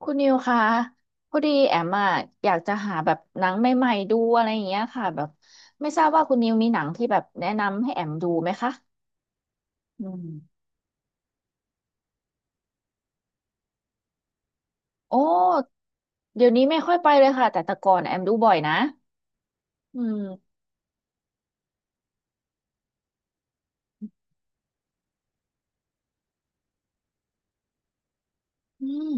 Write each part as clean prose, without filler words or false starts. คุณนิวคะพอดีแอมอะอยากจะหาแบบหนังใหม่ๆดูอะไรอย่างเงี้ยค่ะแบบไม่ทราบว่าคุณนิวมีหนังที่แบบแนะนำให้แอมดูไหมคะอืมโอ้เดี๋ยวนี้ไม่ค่อยไปเลยค่ะแต่ก่อนแอมดูบ่อยนะอืมอืม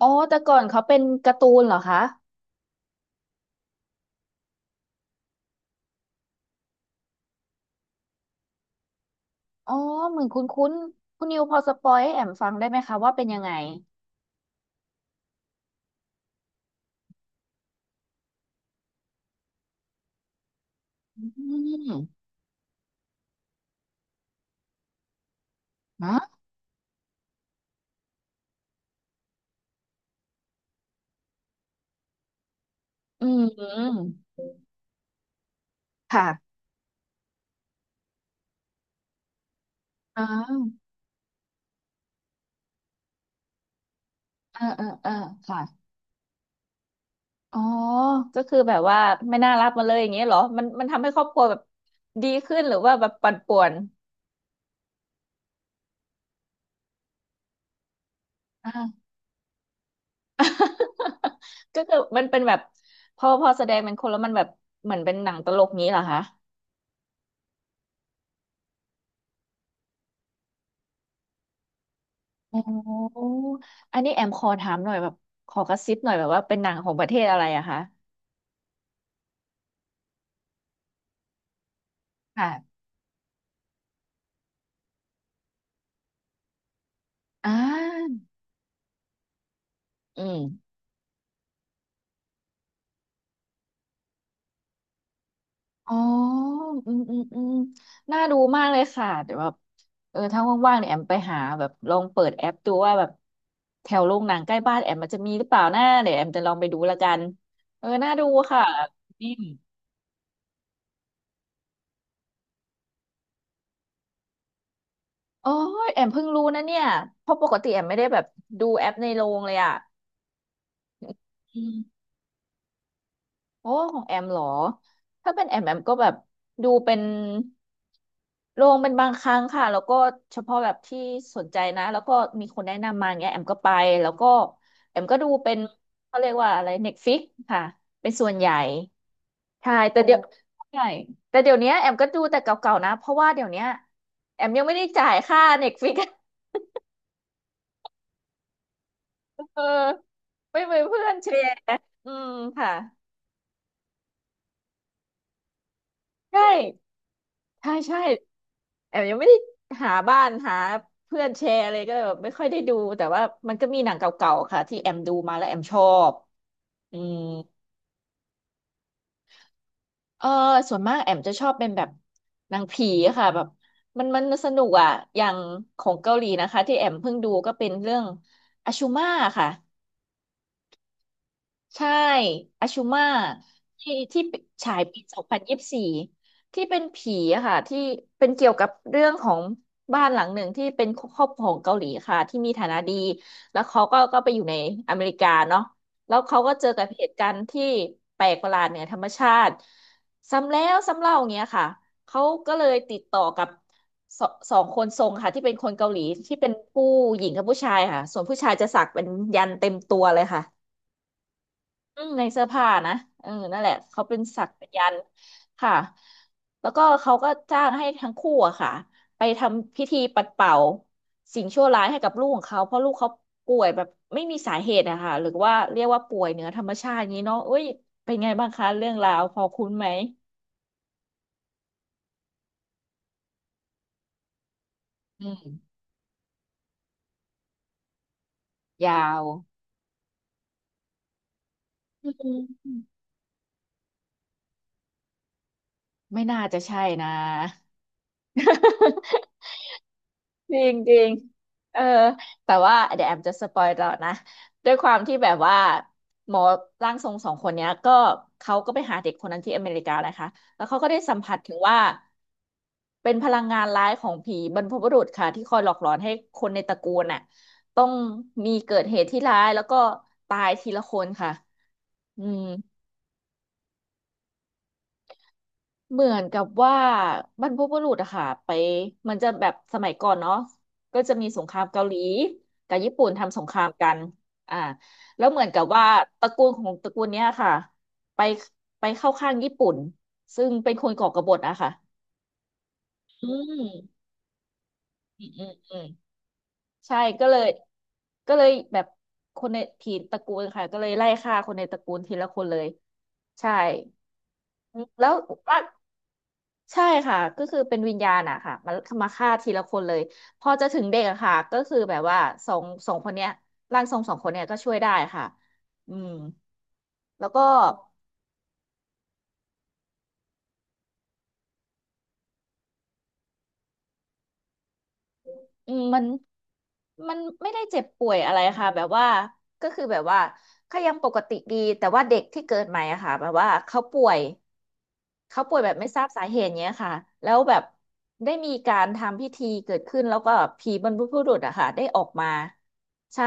อ๋อแต่ก่อนเขาเป็นการ์ตูนเหรอคะอ๋อเหมือนคุ้นคุ้นคุณนิวพอสปอยให้แอมฟังได้ไหมคะว่าเป็นยังไงอืมฮะอืมค่ะอ่าเออเออเออค่ะ อ๋อก็คือแบบว่าไม่น่ารักมาเลยอย่างเงี้ยเหรอมันทำให้ครอบครัวแบบดีขึ้นหรือว่าแบบปั่นป่วนอ่า ก็คือมันเป็นแบบพอแสดงเป็นคนแล้วมันแบบเหมือนเป็นหนังตลกงี้เหรอคะอ๋ออันนี้แอมขอถามหน่อยแบบขอกระซิบหน่อยแบบว่าเป็นหนังของประเทศอะไรอะคะค่ะอ่าอืม อ๋ออืมอืมอืมน่าดูมากเลยค่ะ เดี๋ยวแบบเออถ้าว่างๆเนี่ยแอมไปหาแบบลองเปิดแอปดูว่าแบบแถวโรงหนังใกล้บ้านแอมมันจะมีหรือเปล่านะเดี๋ยวแอมจะลองไปดูละกัน เออ น่าดูค่ะนิ่มโอ้ยแอมเพิ่งรู้นะเนี่ย เพราะปกติแอมไม่ได้แบบดูแอปในโรงเลยอ่ะอืม โอ้ของแอมเหรอถ้าเป็นแอมก็แบบดูเป็นลงเป็นบางครั้งค่ะแล้วก็เฉพาะแบบที่สนใจนะแล้วก็มีคนแนะนำมาเงี้ยแอมก็ไปแล้วก็แอมก็ดูเป็นเขาเรียกว่าอะไรเน็ตฟิกค่ะเป็นส่วนใหญ่ใช่แต่เดี๋ยวใช่เนี้ยแอมก็ดูแต่เก่าๆนะเพราะว่าเดี๋ยวเนี้ยแอมยังไม่ได้จ่ายค่าเน็ตฟิก เออไม่เหมือนเพื่อนแชร์อืมค่ะใช่ใช่ใช่ แอมยังไม่ได้หาบ้านหาเพื่อนแชร์อะไรก็เลยแบบไม่ค่อยได้ดูแต่ว่ามันก็มีหนังเก่าๆค่ะที่แอมดูมาแล้วแอมชอบอืมเออส่วนมากแอมจะชอบเป็นแบบหนังผีค่ะแบบมันสนุกอ่ะอย่างของเกาหลีนะคะที่แอมเพิ่งดูก็เป็นเรื่องอาชูมาค่ะ ใช่อาชูมาที่ฉายปี2024ที่เป็นผีอะค่ะที่เป็นเกี่ยวกับเรื่องของบ้านหลังหนึ่งที่เป็นครอบครัวของเกาหลีค่ะที่มีฐานะดีแล้วเขาก็ไปอยู่ในอเมริกาเนาะแล้วเขาก็เจอกับเหตุการณ์ที่แปลกประหลาดเหนือธรรมชาติซ้ำแล้วซ้ำเล่าอย่างเงี้ยค่ะเขาก็เลยติดต่อกับสสองคนทรงค่ะที่เป็นคนเกาหลีที่เป็นผู้หญิงกับผู้ชายค่ะส่วนผู้ชายจะสักเป็นยันเต็มตัวเลยค่ะ อืมในเสื้อผ้านะเออนั่นแหละเขาเป็นศักยันต์ค่ะ แล้วก็เขาก็จ้างให้ทั้งคู่อะค่ะไปทำพิธีปัดเป่าสิ่งชั่วร้ายให้กับลูกของเขาเพราะลูกเขาป่วยแบบไม่มีสาเหตุอะค่ะหรือว่าเรียกว่าป่วยเหนือธรรมชาติอย่างนี้เนาะเอ้ยเป็นไงบ้างคะเรื่องราวพอคุ้นไหม อืม ยาวอืมไม่น่าจะใช่นะ จริงจริงเออแต่ว่าเดี๋ยวแอมจะสปอยต่อนะ ด้วยความที่แบบว่าหมอร่างทรงสองคนเนี้ยก็เขาก็ไปหาเด็กคนนั้นที่อเมริกานะคะแล้วเขาก็ได้สัมผัสถึงว่าเป็นพลังงานร้ายของผีบรรพบุรุษค่ะที่คอยหลอกหลอนให้คนในตระกูลน่ะต้องมีเกิดเหตุที่ร้ายแล้วก็ตายทีละคนค่ะอืม เหมือนกับว่าบรรพบุรุษอะค่ะไปมันจะแบบสมัยก่อนเนาะก็จะมีสงครามเกาหลีกับญี่ปุ่นทำสงครามกันอ่าแล้วเหมือนกับว่าตระกูลของตระกูลเนี้ยค่ะไปไปเข้าข้างญี่ปุ่นซึ่งเป็นคนก่อกบฏอะค่ะอืมอืมใช่ก็เลยก็เลยแบบคนในทีตระกูลค่ะก็เลยไล่ฆ่าคนในตระกูลทีละคนเลยใช่แล้ว ใช่ค่ะก็คือเป็นวิญญาณอะค่ะมามาฆ่าทีละคนเลยพอจะถึงเด็กอะค่ะก็คือแบบว่าสองคนเนี้ยร่างทรงสองคนเนี้ยก็ช่วยได้ค่ะอืมแล้วก็อืมมันไม่ได้เจ็บป่วยอะไรค่ะแบบว่าก็คือแบบว่าก็ยังปกติดีแต่ว่าเด็กที่เกิดใหม่อะค่ะแบบว่าเขาป่วย เขาป่วยแบบไม่ทราบสาเหตุเนี้ยค่ะแล้วแบบได้มีการทำพิธีเกิดขึ้นแล้วก็ผีบรรพบุรุษอะค่ะได้ออกมาใช่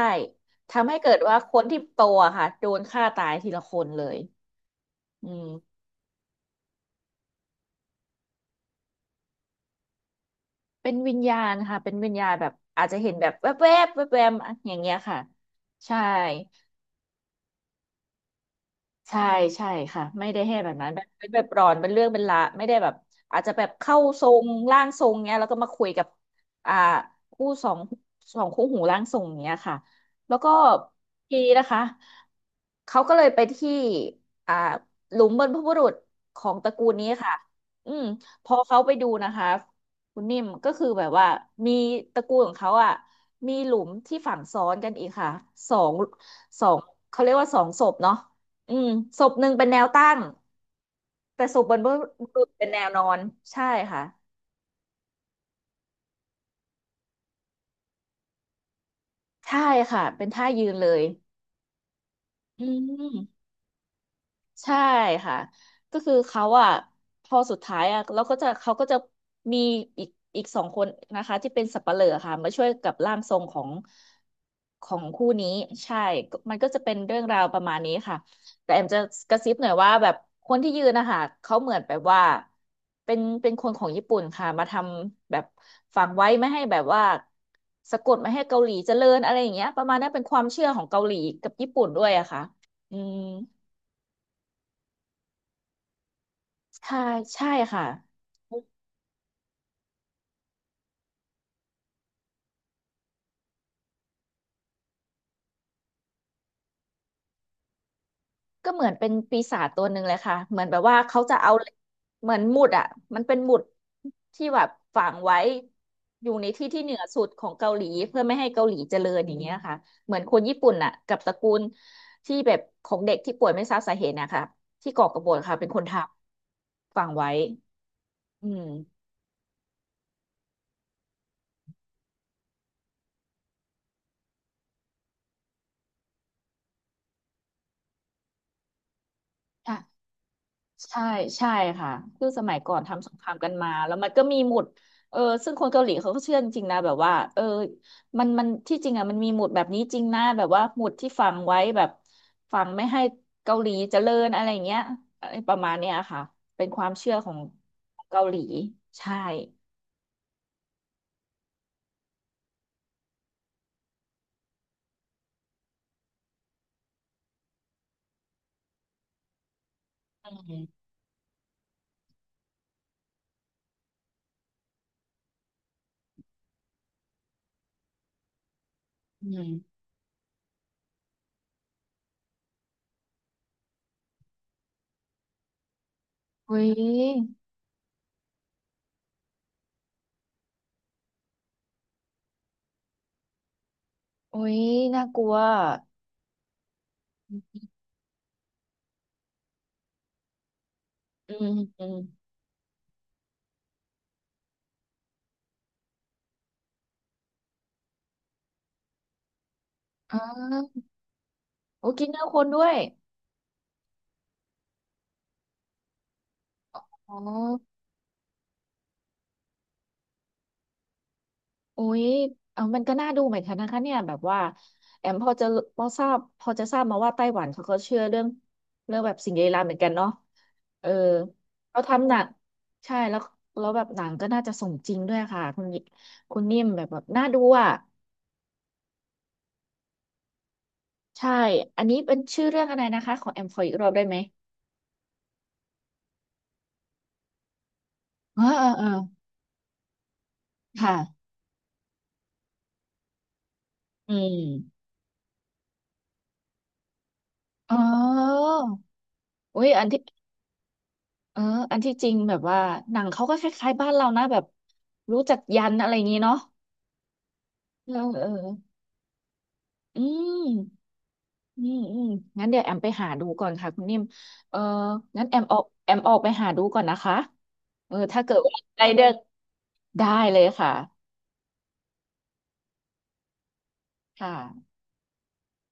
ทำให้เกิดว่าคนที่โตอะค่ะโดนฆ่าตายทีละคนเลยอืมเป็นวิญญาณค่ะเป็นวิญญาณแบบอาจจะเห็นแบบแวบๆแวบๆอะอย่างเงี้ยค่ะใช่ ใช่ใช่ค่ะไม่ได้ให้แบบนั้นแบบเป็นแบบร้อนเป็นเรื่องเป็นละไม่ได้แบบอาจจะแบบเข้าทรงร่างทรงเนี้ยแล้วก็มาคุยกับอ่าคู่สองสองคู่หูร่างทรงเนี้ยค่ะแล้วก็ทีนี้นะคะเขาก็เลยไปที่อ่าหลุมบรรพบุรุษของตระกูลนี้ค่ะอืมพอเขาไปดูนะคะคุณนิ่มก็คือแบบว่ามีตระกูลของเขาอ่ะมีหลุมที่ฝังซ้อนกันอีกค่ะสองสองเขาเรียกว่าสองศพเนาะ อืมศพหนึ่งเป็นแนวตั้งแต่ศพบนบุรุษเป็นแนวนอนใช่ค่ะใช่ค่ะเป็นท่ายืนเลยอืม ใช่ค่ะก็คือเขาอ่ะพอสุดท้ายอ่ะแล้วก็จะเขาก็จะมีอีกอีกสองคนนะคะที่เป็นสับปะเหร่อค่ะมาช่วยกับร่างทรงของของคู่นี้ใช่ก็มันก็จะเป็นเรื่องราวประมาณนี้ค่ะแต่แอมจะกระซิบหน่อยว่าแบบคนที่ยืนนะคะเขาเหมือนแบบว่าเป็นคนของญี่ปุ่นค่ะมาทำแบบฝังไว้ไม่ให้แบบว่าสะกดไม่ให้เกาหลีเจริญอะไรอย่างเงี้ยประมาณนั้นเป็นความเชื่อของเกาหลีกับญี่ปุ่นด้วยอะค่ะอืม ใช่ใช่ค่ะก็เหมือนเป็นปีศาจตัวหนึ่งเลยค่ะเหมือนแบบว่าเขาจะเอาเหมือนหมุดอ่ะมันเป็นหมุดที่แบบฝังไว้อยู่ในที่ที่เหนือสุดของเกาหลีเพื่อไม่ให้เกาหลีเจริญอย่างเงี้ยค่ะเหมือนคนญี่ปุ่นอ่ะกับตระกูลที่แบบของเด็กที่ป่วยไม่ทราบสาเหตุนะคะที่ก่อกบฏค่ะเป็นคนทำฝังไว้อืม ใช่ใช่ค่ะคือสมัยก่อนทำสงครามกันมาแล้วมันก็มีหมุดเออซึ่งคนเกาหลีเขาก็เชื่อจริงๆนะแบบว่าเออมันที่จริงอ่ะมันมีหมุดแบบนี้จริงนะแบบว่าหมุดที่ฝังไว้แบบฝังไม่ให้เกาหลีเจริญอะไรอย่างเงี้ยอะไรประมาณเนี้ยค่ะเป็นความเชื่อของเกาหลีใช่อืมอืมอุ้ยอุ้ยน่ากลัวอืมอืมอืมโอ้กินเนื้อคนด้วยอ๋อ โอ้ยเอามันก็น่าดูเหมือนกันนะคะเนี่ยแบบว่าแอมพอจะพอทราบพอจะทราบมาว่าไต้หวันเขาก็เชื่อเรื่องเรื่องแบบสิ่งลี้ลับเหมือนกันเนาะเออเขาทำหนังใช่แล้วแล้วแบบหนังก็น่าจะสมจริงด้วยค่ะคุณคุณนิ่มแบบแบบน่าดูอ่ะใช่อันนี้เป็นชื่อเรื่องอะไรนะคะของแอมขออีกรอบได้ไหมเอ๋อเออเออค่ะอืมอ๋ออุ้ยอันที่เอออันที่จริงแบบว่าหนังเขาก็คล้ายๆบ้านเรานะแบบรู้จักยันอะไรอย่างนี้เนาะ เออเอออืมอืมอืมงั้นเดี๋ยวแอมไปหาดูก่อนค่ะคุณนิ่มเอองั้นแอมออกแอมออกไปหาดูก่อนนะคะเออถ้าเกิดว่าได้เดินได้เลยค่ะค่ะ